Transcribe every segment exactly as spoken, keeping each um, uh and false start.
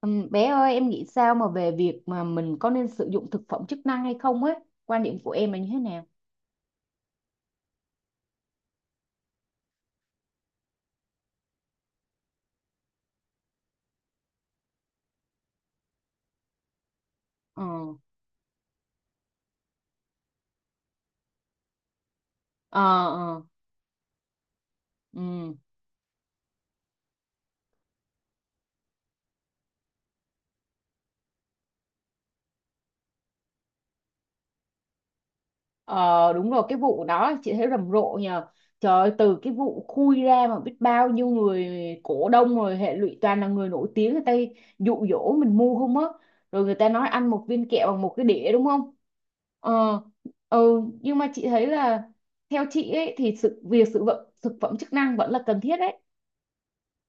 Ừm, bé ơi, em nghĩ sao mà về việc mà mình có nên sử dụng thực phẩm chức năng hay không ấy, quan điểm của em là như thế nào? ờ ờ ờ ừm. Ờ, đúng rồi, cái vụ đó chị thấy rầm rộ nhờ. Trời ơi, từ cái vụ khui ra mà biết bao nhiêu người cổ đông rồi hệ lụy, toàn là người nổi tiếng người ta dụ dỗ mình mua không á. Rồi người ta nói ăn một viên kẹo bằng một cái đĩa đúng không? ờ ừ, nhưng mà chị thấy là theo chị ấy thì sự việc sử dụng thực phẩm chức năng vẫn là cần thiết đấy.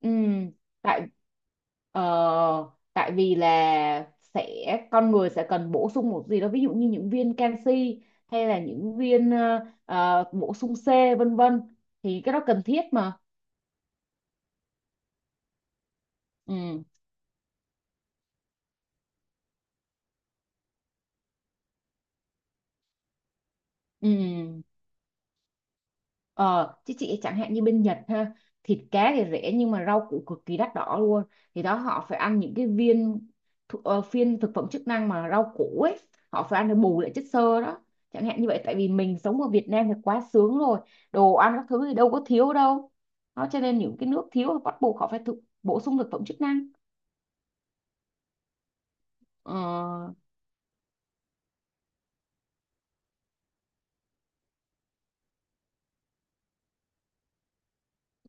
Ừ, tại ờ, tại vì là sẽ con người sẽ cần bổ sung một gì đó, ví dụ như những viên canxi hay là những viên ờ, ờ, bổ sung C vân vân, thì cái đó cần thiết mà. ừ, ừ. Ờ, chứ chị chẳng hạn như bên Nhật ha, thịt cá thì rẻ nhưng mà rau củ cực kỳ đắt đỏ luôn. Thì đó họ phải ăn những cái viên thu- ờ, phiên thực phẩm chức năng mà rau củ ấy, họ phải ăn để bù lại chất xơ đó. Chẳng hạn như vậy, tại vì mình sống ở Việt Nam thì quá sướng rồi, đồ ăn các thứ thì đâu có thiếu đâu. Đó cho nên những cái nước thiếu thì bắt buộc họ phải thực, bổ sung thực phẩm chức năng. Ờ,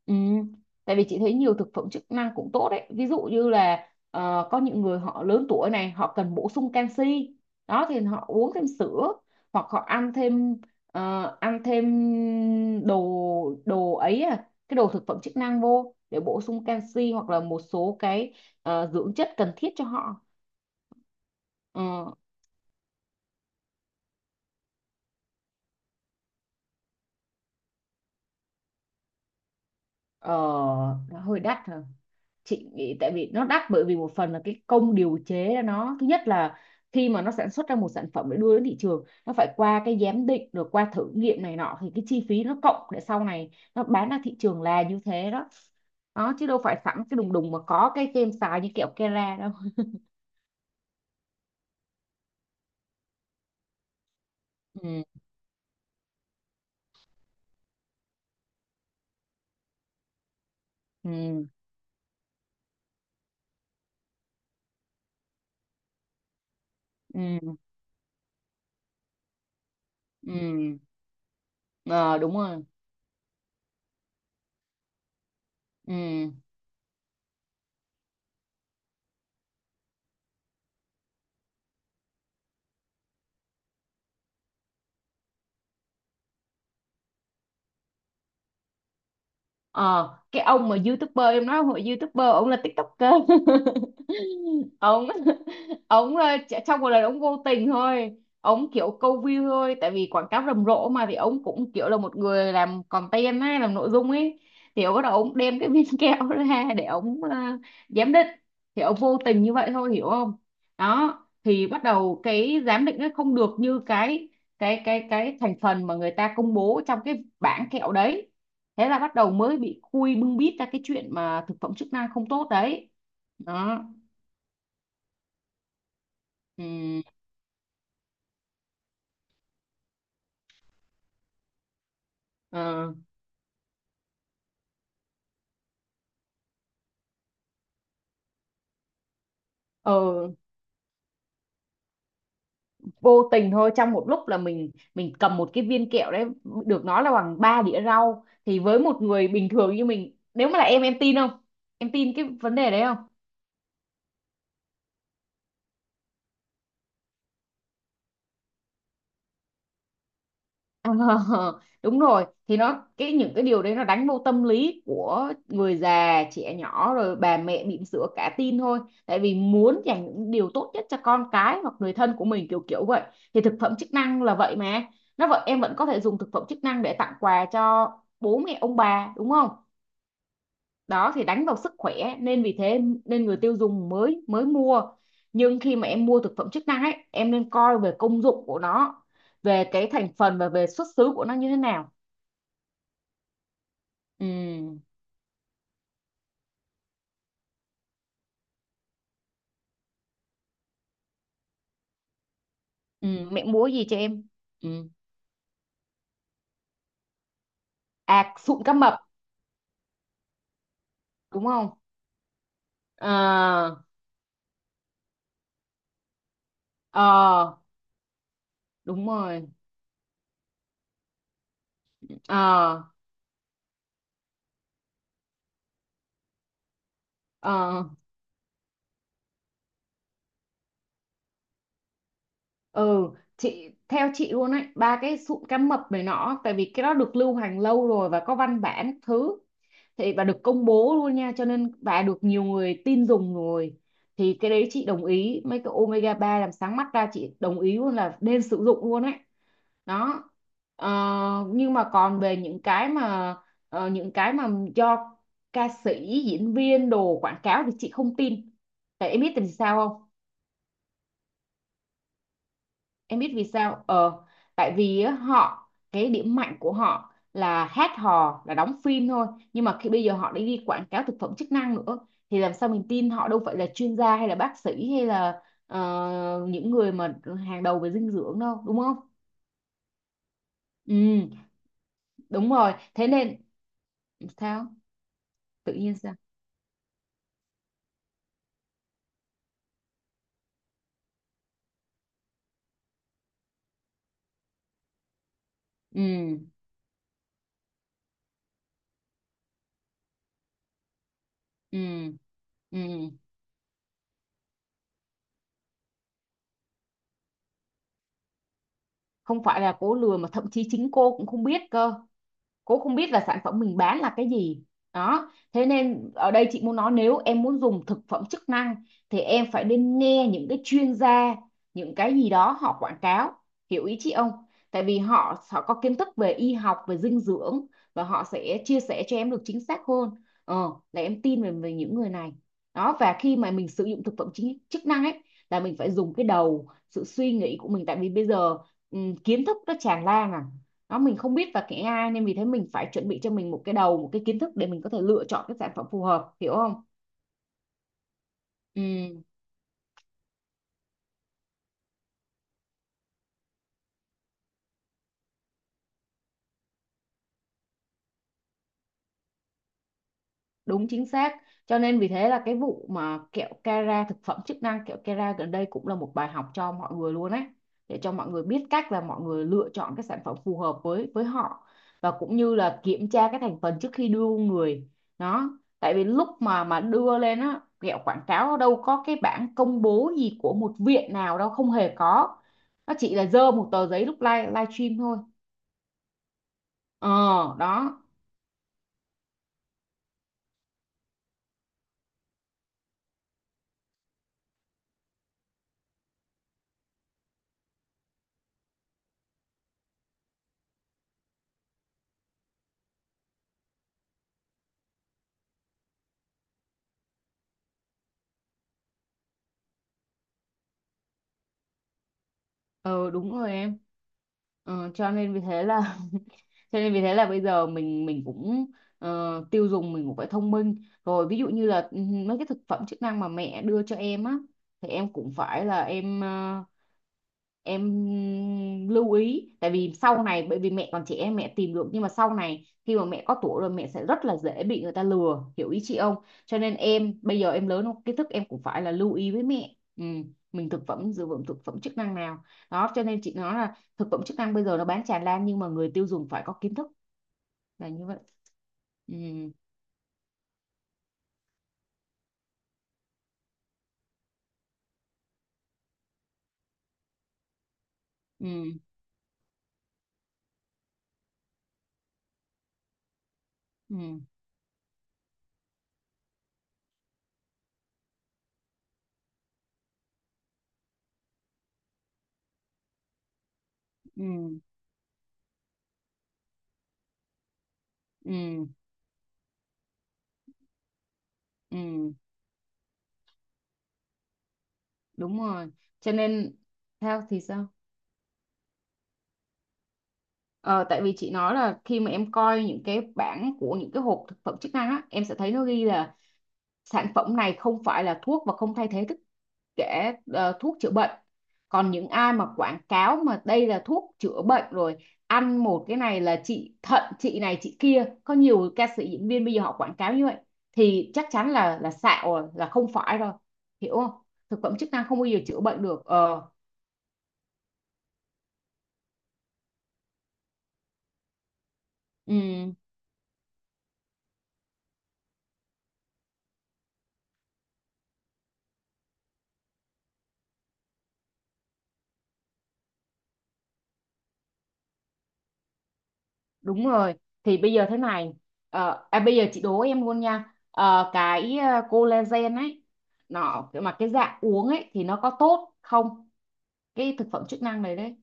ừ. Tại vì chị thấy nhiều thực phẩm chức năng cũng tốt đấy. Ví dụ như là ờ, có những người họ lớn tuổi này, họ cần bổ sung canxi. Đó thì họ uống thêm sữa hoặc họ ăn thêm ờ, ăn thêm đồ đồ ấy à, cái đồ thực phẩm chức năng vô để bổ sung canxi hoặc là một số cái ờ, dưỡng chất cần thiết cho họ. Ờ, ờ, nó hơi đắt hả? Chị nghĩ tại vì nó đắt bởi vì một phần là cái công điều chế nó, thứ nhất là khi mà nó sản xuất ra một sản phẩm để đưa đến thị trường, nó phải qua cái giám định rồi qua thử nghiệm này nọ, thì cái chi phí nó cộng để sau này nó bán ra thị trường là như thế đó. Đó chứ đâu phải sẵn cái đùng đùng mà có cái kem xài như kẹo Kera đâu. ừ ừ ừ ừ ờ, đúng rồi. ừ ờ, cái ông mà youtuber em nói, ông là youtuber, ông là tiktoker. ông ông ờ, ch- trong một lần ông vô tình thôi, ông kiểu câu view thôi, tại vì quảng cáo rầm rộ mà, thì ông cũng kiểu là một người làm content ấy, làm nội dung ấy. Thì ông bắt đầu ông đem cái viên kẹo ra để ông ờ, giám định. Thì ông vô tình như vậy thôi, hiểu không? Đó, thì bắt đầu cái giám định nó không được như cái cái cái cái thành phần mà người ta công bố trong cái bảng kẹo đấy. Thế là bắt đầu mới bị khui bưng bít ra cái chuyện mà thực phẩm chức năng không tốt đấy. Đó. ừ. ờ, ờ, Vô tình thôi, trong một lúc là mình mình cầm một cái viên kẹo đấy được nói là bằng ba đĩa rau, thì với một người bình thường như mình, nếu mà là em em tin không? Em tin cái vấn đề đấy không? Ờ, đúng rồi, thì nó cái những cái điều đấy nó đánh vô tâm lý của người già, trẻ nhỏ rồi bà mẹ bỉm sữa cả tin thôi, tại vì muốn dành những điều tốt nhất cho con cái hoặc người thân của mình, kiểu kiểu vậy. Thì thực phẩm chức năng là vậy mà, nó vậy em vẫn có thể dùng thực phẩm chức năng để tặng quà cho bố mẹ ông bà đúng không? Đó thì đánh vào sức khỏe nên vì thế nên người tiêu dùng mới mới mua. Nhưng khi mà em mua thực phẩm chức năng ấy, em nên coi về công dụng của nó, về cái thành phần và về xuất xứ của nó như thế nào. ừ, ừ. Mẹ mua gì cho em? ừ. À, sụn cá mập đúng không? ờ ờ Đúng rồi. ờ ờ ừ chị theo chị luôn ấy, ba cái sụn cá mập này nọ, tại vì cái đó được lưu hành lâu rồi và có văn bản các thứ, thì và được công bố luôn nha, cho nên và được nhiều người tin dùng rồi. Thì cái đấy chị đồng ý, mấy cái omega ba làm sáng mắt ra chị đồng ý luôn, là nên sử dụng luôn ấy. Đó. Ờ, nhưng mà còn về những cái mà ờ, những cái mà do ca sĩ, diễn viên đồ quảng cáo thì chị không tin. Tại em biết tại vì sao không? Em biết vì sao? Ờ, tại vì á, họ cái điểm mạnh của họ là hát hò, là đóng phim thôi, nhưng mà khi bây giờ họ đã đi quảng cáo thực phẩm chức năng nữa thì làm sao mình tin, họ đâu phải là chuyên gia hay là bác sĩ hay là ờ, những người mà hàng đầu về dinh dưỡng đâu đúng không? Ừ, đúng rồi thế nên sao, tự nhiên sao? Ừ ừ ừ Không phải là cố lừa mà thậm chí chính cô cũng không biết cơ, cô không biết là sản phẩm mình bán là cái gì. Đó thế nên ở đây chị muốn nói, nếu em muốn dùng thực phẩm chức năng thì em phải nên nghe những cái chuyên gia, những cái gì đó họ quảng cáo, hiểu ý chị không? Tại vì họ họ có kiến thức về y học, về dinh dưỡng và họ sẽ chia sẻ cho em được chính xác hơn. ờ, là em tin về, về những người này. Đó, và khi mà mình sử dụng thực phẩm chính, chức năng ấy là mình phải dùng cái đầu, sự suy nghĩ của mình, tại vì bây giờ ừ, kiến thức nó tràn lan à. Đó mình không biết và cái a i, nên vì thế mình phải chuẩn bị cho mình một cái đầu, một cái kiến thức để mình có thể lựa chọn cái sản phẩm phù hợp, hiểu không? ừ Đúng chính xác. Cho nên vì thế là cái vụ mà kẹo Kera, thực phẩm chức năng kẹo Kera gần đây cũng là một bài học cho mọi người luôn ấy. Để cho mọi người biết cách là mọi người lựa chọn cái sản phẩm phù hợp với với họ, và cũng như là kiểm tra cái thành phần trước khi đưa vô người. Đó. Tại vì lúc mà mà đưa lên á, kẹo quảng cáo đâu có cái bảng công bố gì của một viện nào đâu, không hề có. Nó chỉ là dơ một tờ giấy lúc live livestream thôi. Ờ đó. Ờ đúng rồi em. Ờ, cho nên vì thế là cho nên vì thế là bây giờ mình mình cũng ờ, tiêu dùng mình cũng phải thông minh rồi, ví dụ như là ừ, mấy cái thực phẩm chức năng mà mẹ đưa cho em á, thì em cũng phải là em ờ, em lưu ý, tại vì sau này bởi vì mẹ còn trẻ em mẹ tìm được, nhưng mà sau này khi mà mẹ có tuổi rồi mẹ sẽ rất là dễ bị người ta lừa, hiểu ý chị không? Cho nên em bây giờ em lớn rồi, kiến thức em cũng phải là lưu ý với mẹ ừ. Mình thực phẩm sử dụng thực phẩm chức năng nào. Đó cho nên chị nói là thực phẩm chức năng bây giờ nó bán tràn lan, nhưng mà người tiêu dùng phải có kiến thức là như vậy. ừ ừ ừ ừ ừ ừ Đúng rồi, cho nên theo thì sao? Ờ, tại vì chị nói là khi mà em coi những cái bảng của những cái hộp thực phẩm chức năng á, em sẽ thấy nó ghi là sản phẩm này không phải là thuốc và không thay thế thức để ờ, thuốc chữa bệnh. Còn những ai mà quảng cáo mà đây là thuốc chữa bệnh rồi, ăn một cái này là trị thận chị này chị kia, có nhiều ca sĩ diễn viên bây giờ họ quảng cáo như vậy thì chắc chắn là là xạo rồi, là không phải rồi, hiểu không? Thực phẩm chức năng không bao giờ chữa bệnh được. ờ ừ, Đúng rồi, thì bây giờ thế này. Ờ, à, bây giờ chị đố em luôn nha. Ờ, cái ờ, collagen ấy, nó mà cái dạng uống ấy thì nó có tốt không, cái thực phẩm chức năng này đấy?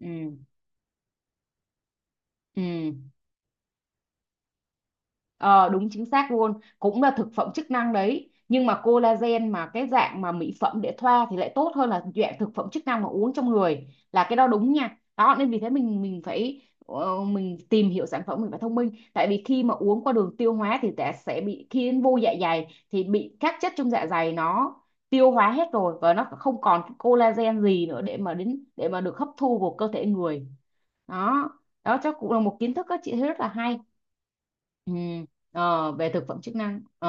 ừ Ừ, ờ, đúng chính xác luôn, cũng là thực phẩm chức năng đấy, nhưng mà collagen mà cái dạng mà mỹ phẩm để thoa thì lại tốt hơn là dạng thực phẩm chức năng mà uống trong người, là cái đó đúng nha. Đó nên vì thế mình mình phải ờ, mình tìm hiểu sản phẩm, mình phải thông minh. Tại vì khi mà uống qua đường tiêu hóa thì ta sẽ bị, khi đến vô dạ dày thì bị các chất trong dạ dày nó tiêu hóa hết rồi, và nó không còn cái collagen gì nữa để mà đến để mà được hấp thu vào cơ thể người. Đó, đó chắc cũng là một kiến thức các chị thấy rất là hay. Ừ. Ờ, về thực phẩm chức năng. Ờ,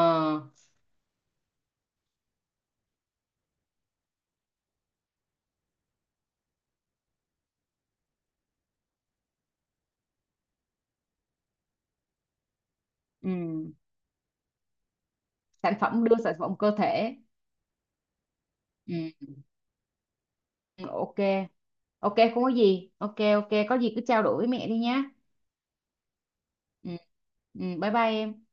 ừ. Sản phẩm đưa sản phẩm cơ thể. Ừ. Ok, ok không có gì, ok ok có gì cứ trao đổi với mẹ đi nhá. Ừ. Ừ. Bye bye em.